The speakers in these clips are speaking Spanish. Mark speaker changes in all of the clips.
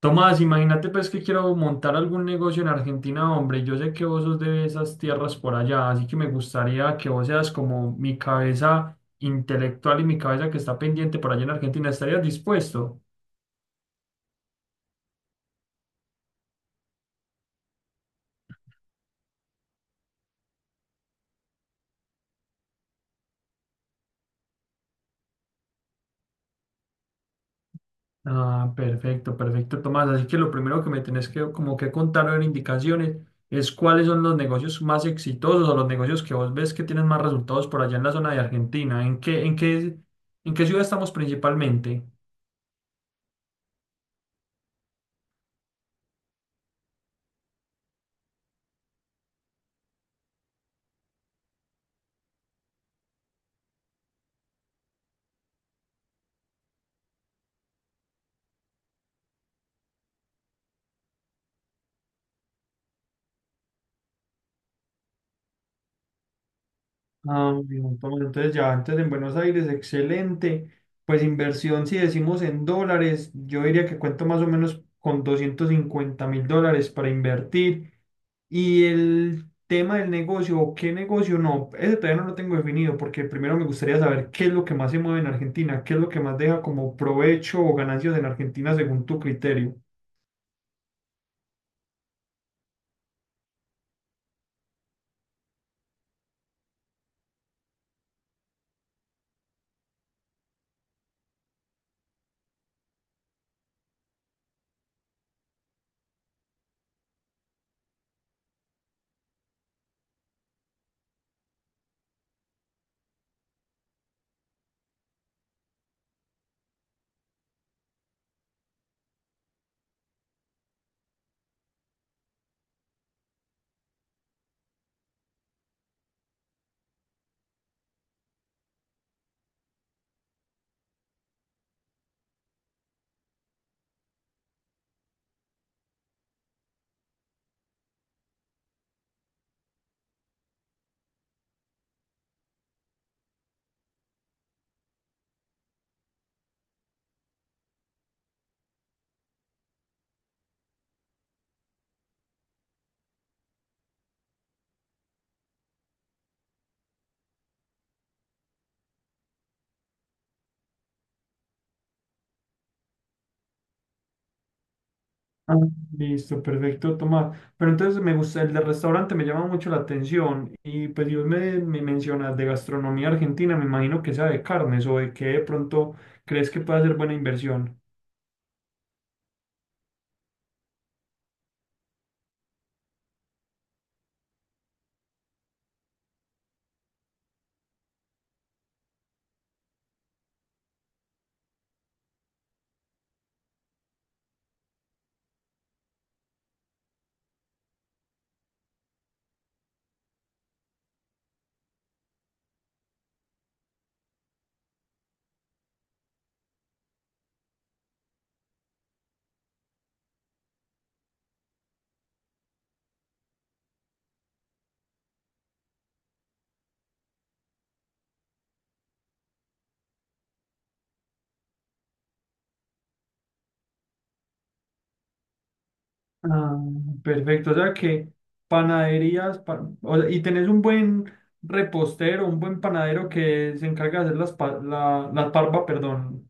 Speaker 1: Tomás, imagínate pues que quiero montar algún negocio en Argentina, hombre. Yo sé que vos sos de esas tierras por allá, así que me gustaría que vos seas como mi cabeza intelectual y mi cabeza que está pendiente por allá en Argentina. ¿Estarías dispuesto? Ah, perfecto, perfecto, Tomás. Así que lo primero que me tenés que como que contar o dar indicaciones es cuáles son los negocios más exitosos o los negocios que vos ves que tienen más resultados por allá en la zona de Argentina. ¿En qué ciudad estamos principalmente? Ah, un montón. Entonces ya, entonces en Buenos Aires, excelente. Pues inversión, si decimos en dólares, yo diría que cuento más o menos con 250.000 dólares para invertir. Y el tema del negocio, o qué negocio, no, ese todavía no lo tengo definido, porque primero me gustaría saber qué es lo que más se mueve en Argentina, qué es lo que más deja como provecho o ganancias en Argentina según tu criterio. Ah, listo, perfecto, Tomás. Pero entonces me gusta, el de restaurante me llama mucho la atención y pues Dios me mencionas de gastronomía argentina, me imagino que sea de carnes o de qué de pronto crees que puede ser buena inversión. Ah, perfecto, o sea que panaderías, o sea, y tenés un buen repostero, un buen panadero que se encarga de hacer las, la parva, perdón.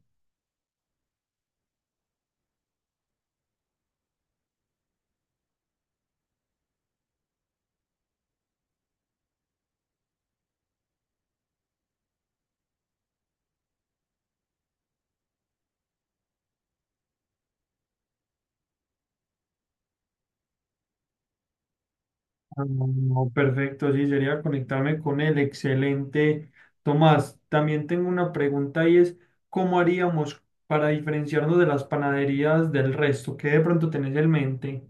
Speaker 1: Ah, no, perfecto, sí, sería conectarme con él. Excelente. Tomás, también tengo una pregunta y es, ¿cómo haríamos para diferenciarnos de las panaderías del resto? ¿Qué de pronto tenés en mente?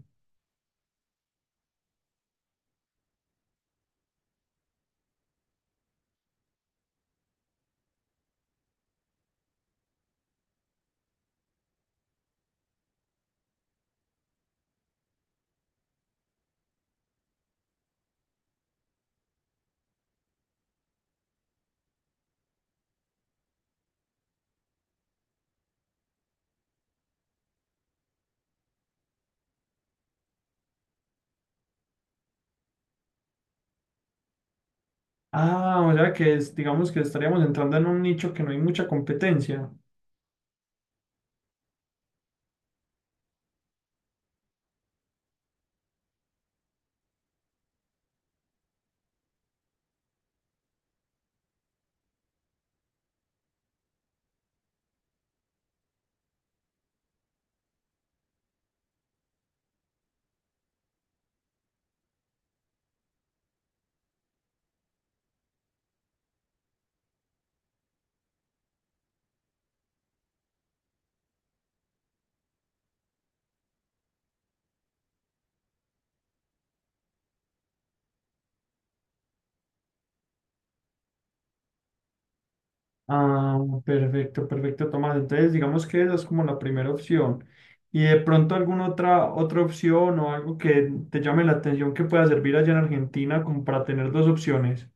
Speaker 1: Ah, o sea que es, digamos que estaríamos entrando en un nicho que no hay mucha competencia. Ah, perfecto, perfecto, Tomás. Entonces, digamos que esa es como la primera opción. ¿Y de pronto alguna otra opción o algo que te llame la atención que pueda servir allá en Argentina como para tener dos opciones?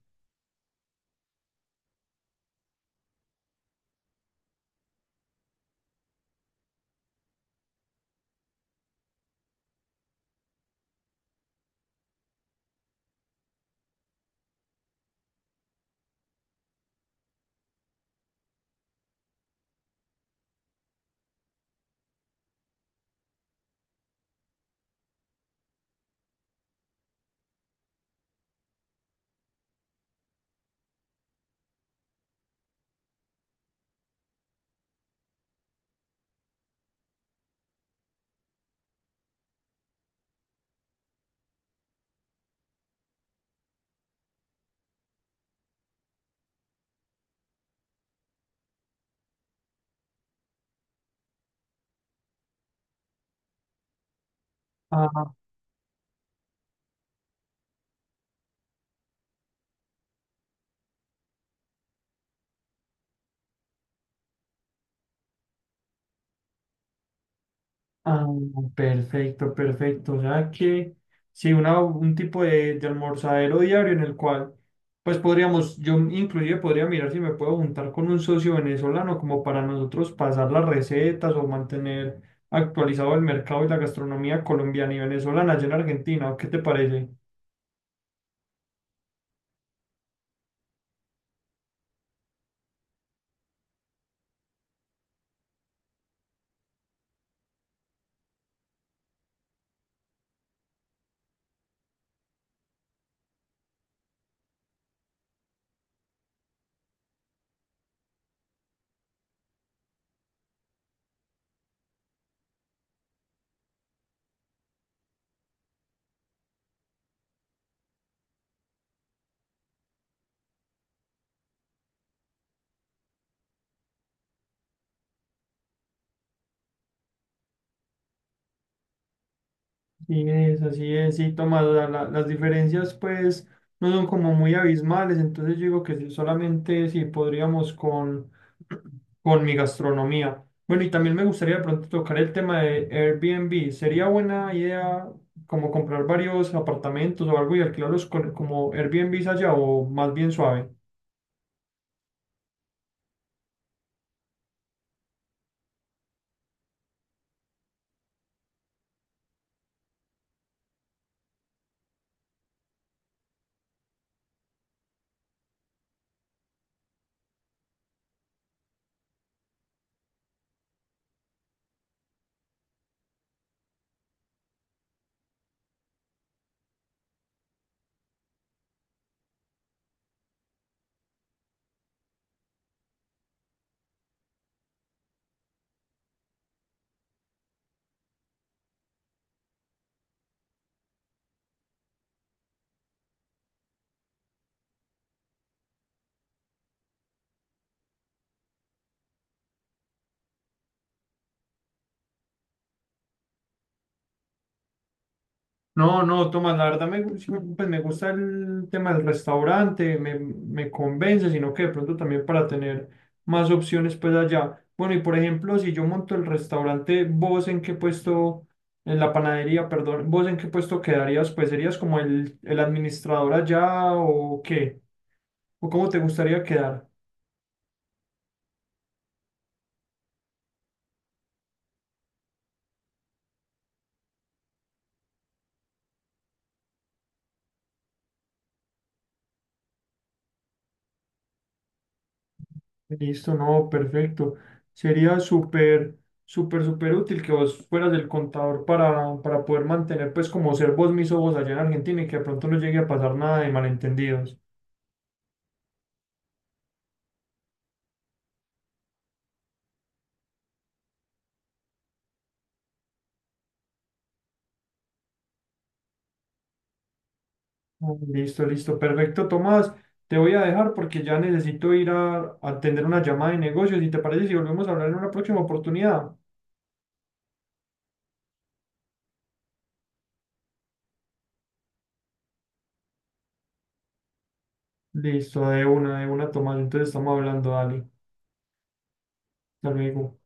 Speaker 1: Ah, Ah, perfecto, perfecto. O sea que sí, una, un tipo de almorzadero diario en el cual, pues podríamos, yo inclusive podría mirar si me puedo juntar con un socio venezolano como para nosotros pasar las recetas o mantener actualizado el mercado y la gastronomía colombiana y venezolana allá en Argentina. ¿O ¿Qué te parece? Sí, es, así es, sí, Tomás, o sea, las diferencias pues no son como muy abismales, entonces yo digo que sí, solamente si podríamos con mi gastronomía. Bueno, y también me gustaría de pronto tocar el tema de Airbnb. Sería buena idea como comprar varios apartamentos o algo y alquilarlos como Airbnb allá o más bien suave. No, no, Tomás, la verdad me, pues me gusta el tema del restaurante, me convence, sino que de pronto también para tener más opciones pues allá. Bueno, y por ejemplo, si yo monto el restaurante, ¿vos en qué puesto, en la panadería, perdón, vos en qué puesto quedarías? Pues serías como el administrador allá o qué, o cómo te gustaría quedar. Listo, no, perfecto. Sería súper útil que vos fueras el contador para poder mantener, pues, como ser vos mismo vos allá en Argentina y que de pronto no llegue a pasar nada de malentendidos. Ah, listo, listo, perfecto, Tomás. Te voy a dejar porque ya necesito ir a atender una llamada de negocios. ¿Y te parece si volvemos a hablar en una próxima oportunidad? Listo, de una, Tomás. Entonces estamos hablando, dale. Hasta luego.